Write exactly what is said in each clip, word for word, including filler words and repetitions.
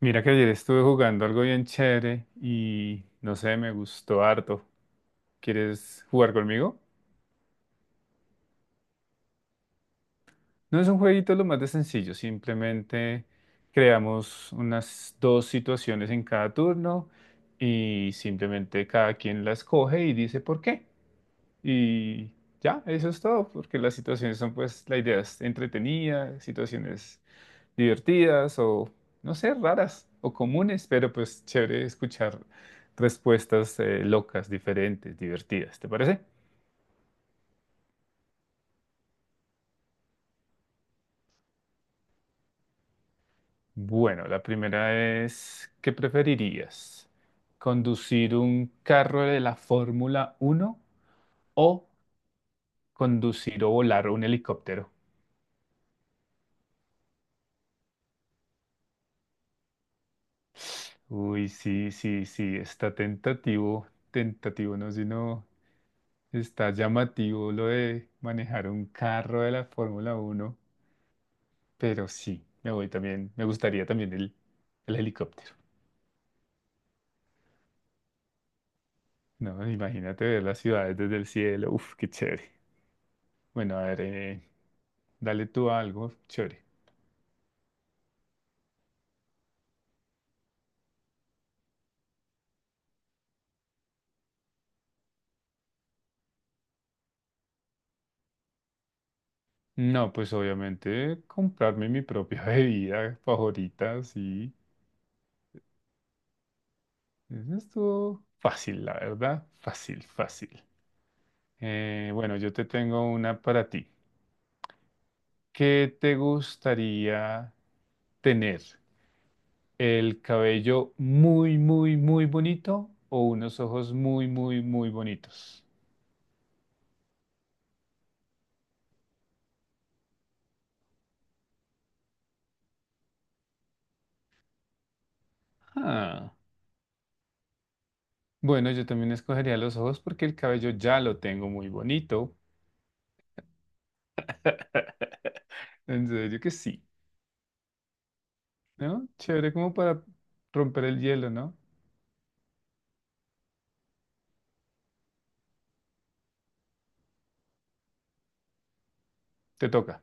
Mira que ayer estuve jugando algo bien chévere y no sé, me gustó harto. ¿Quieres jugar conmigo? No, es un jueguito lo más de sencillo, simplemente creamos unas dos situaciones en cada turno y simplemente cada quien las coge y dice por qué. Y ya, eso es todo, porque las situaciones son pues, la idea es entretenida, situaciones divertidas o, no sé, raras o comunes, pero pues chévere escuchar respuestas eh, locas, diferentes, divertidas, ¿te parece? Bueno, la primera es, ¿qué preferirías? ¿Conducir un carro de la Fórmula uno o conducir o volar un helicóptero? Uy, sí, sí, sí, está tentativo, tentativo, no, sino está llamativo lo de manejar un carro de la Fórmula uno. Pero sí, me voy también, me gustaría también el, el helicóptero. No, imagínate ver las ciudades desde el cielo. Uf, qué chévere. Bueno, a ver, eh, dale tú algo chévere. No, pues obviamente comprarme mi propia bebida favorita, sí. Eso estuvo fácil, la verdad. Fácil, fácil. Eh, bueno, yo te tengo una para ti. ¿Qué te gustaría tener? ¿El cabello muy, muy, muy bonito o unos ojos muy, muy, muy bonitos? Ah, bueno, yo también escogería los ojos porque el cabello ya lo tengo muy bonito. En serio que sí, ¿no? Chévere como para romper el hielo, ¿no? Te toca.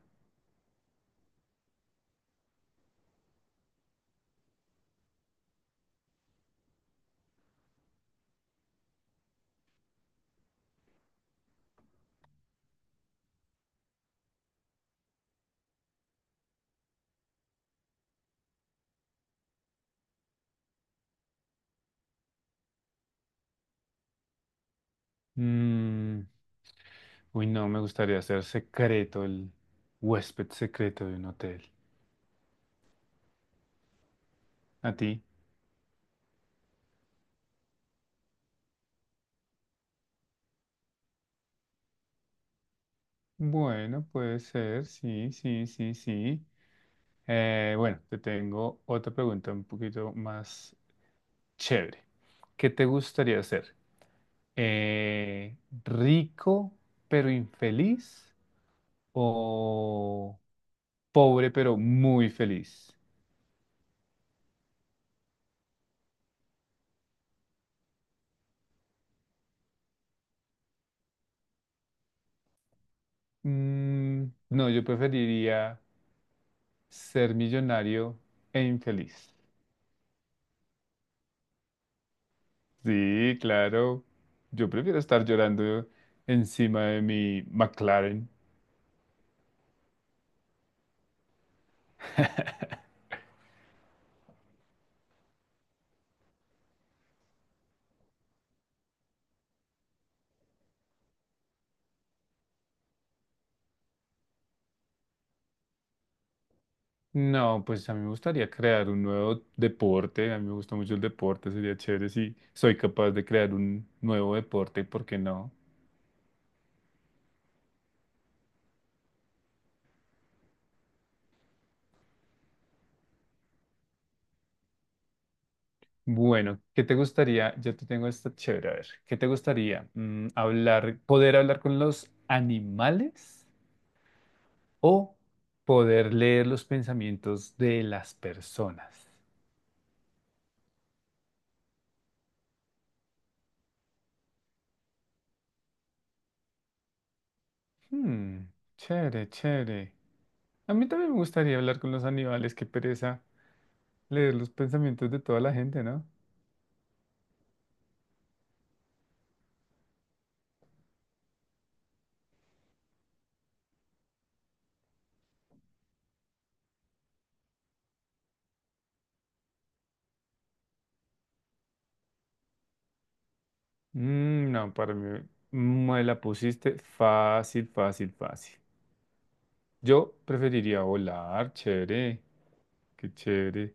Mm, uy, no, me gustaría ser secreto, el huésped secreto de un hotel. ¿A ti? Bueno, puede ser, sí, sí, sí, sí. Eh, bueno, te tengo otra pregunta un poquito más chévere. ¿Qué te gustaría ser? Eh, ¿Rico pero infeliz o pobre pero muy feliz? Mm, no, yo preferiría ser millonario e infeliz. Sí, claro. Yo prefiero estar llorando encima de mi McLaren. No, pues a mí me gustaría crear un nuevo deporte, a mí me gusta mucho el deporte, sería chévere si soy capaz de crear un nuevo deporte, ¿por qué no? Bueno, ¿qué te gustaría? Yo te tengo esta chévere, a ver, ¿qué te gustaría? Mm, hablar, poder hablar con los animales o poder leer los pensamientos de las personas. Hmm, chévere, chévere. A mí también me gustaría hablar con los animales, qué pereza leer los pensamientos de toda la gente, ¿no? Mm, no, para mí me la pusiste fácil, fácil, fácil. Yo preferiría volar, chévere, qué chévere.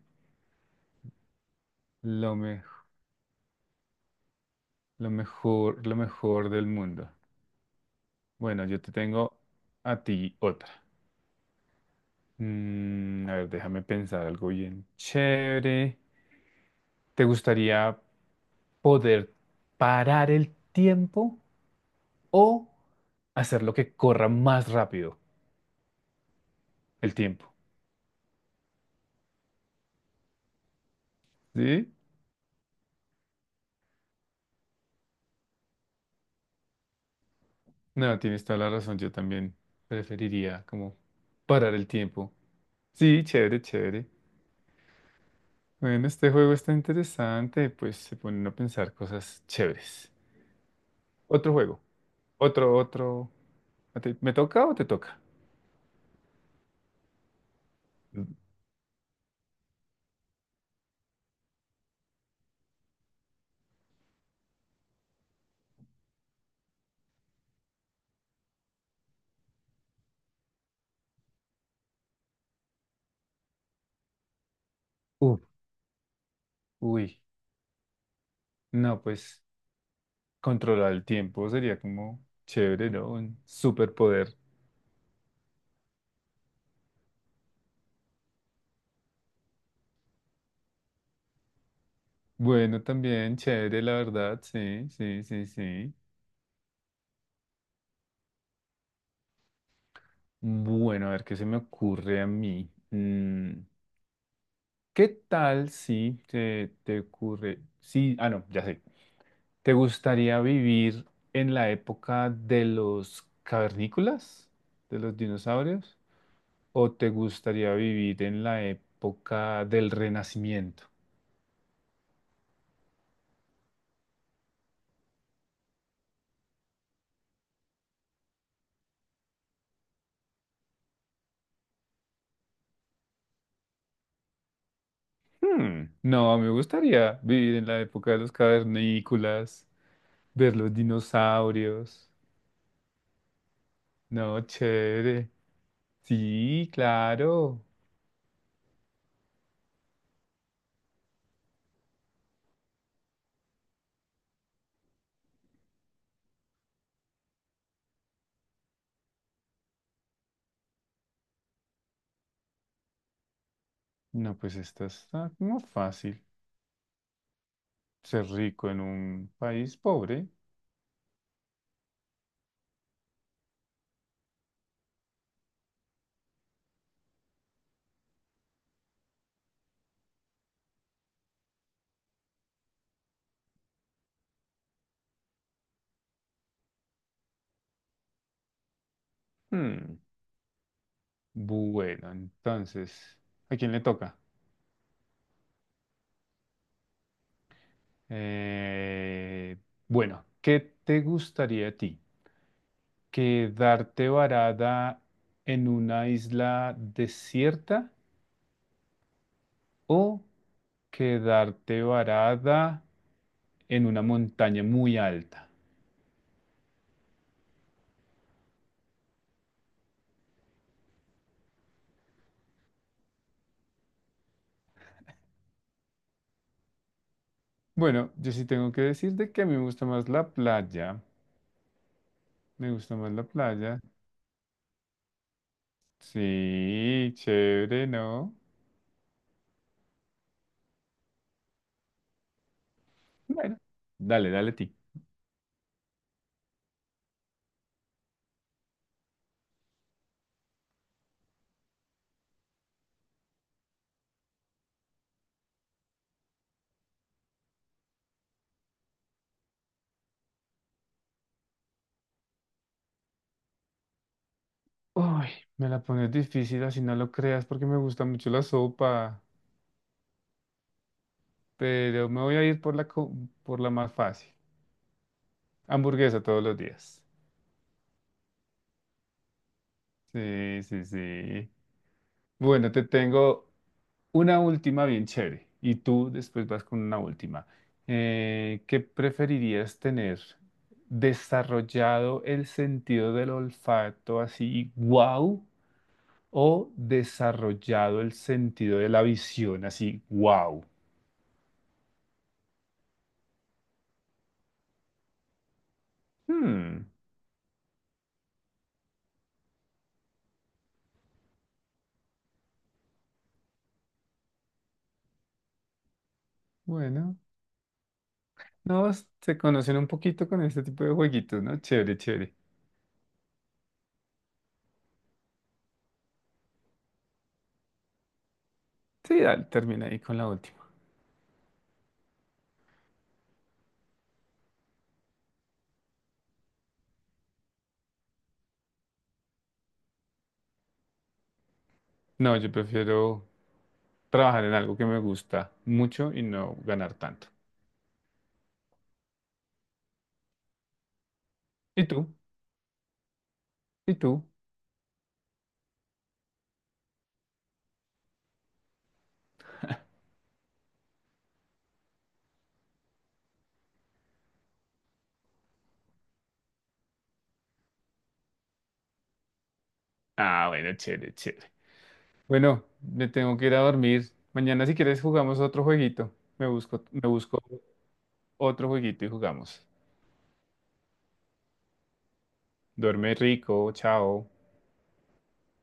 Lo mejor, lo mejor, lo mejor del mundo. Bueno, yo te tengo a ti otra. Mm, a ver, déjame pensar algo bien chévere. ¿Te gustaría poder parar el tiempo o hacer lo que corra más rápido el tiempo? ¿Sí? No, tienes toda la razón, yo también preferiría como parar el tiempo. Sí, chévere, chévere. Bueno, este juego está interesante, pues se ponen a pensar cosas chéveres. Otro juego, otro, otro. ¿A ti- ¿Me toca o te toca? Uf, uy, no, pues controlar el tiempo sería como chévere, ¿no? Un superpoder. Bueno, también chévere, la verdad, sí, sí, sí, sí. Bueno, a ver qué se me ocurre a mí. Mm. ¿Qué tal si te, te ocurre, sí, ah, no, ya sé, ¿te gustaría vivir en la época de los cavernícolas, de los dinosaurios, o te gustaría vivir en la época del Renacimiento? Hmm, no, me gustaría vivir en la época de los cavernícolas, ver los dinosaurios. No, chévere. Sí, claro. No, pues esta está como fácil, ser rico en un país pobre. Hmm, bueno, entonces, ¿a quién le toca? Eh, bueno, ¿qué te gustaría a ti? ¿Quedarte varada en una isla desierta o quedarte varada en una montaña muy alta? Bueno, yo sí tengo que decirte que a mí me gusta más la playa. Me gusta más la playa. Sí, chévere, ¿no? Bueno, dale, dale a ti. Uy, me la pones difícil, así no lo creas, porque me gusta mucho la sopa, pero me voy a ir por la, co- por la más fácil. Hamburguesa todos los días. Sí, sí, sí. Bueno, te tengo una última bien chévere, y tú después vas con una última. Eh, ¿qué preferirías tener? ¿Desarrollado el sentido del olfato así, wow? ¿O desarrollado el sentido de la visión así, wow? Bueno, no, se conocen un poquito con este tipo de jueguitos, ¿no? Chévere, chévere. Sí, dale, termina ahí con la última. No, yo prefiero trabajar en algo que me gusta mucho y no ganar tanto. ¿Y tú? ¿Y tú? Ah, bueno, chévere, chévere. Bueno, me tengo que ir a dormir. Mañana si quieres jugamos otro jueguito. Me busco, me busco otro jueguito y jugamos. Duerme rico, chao.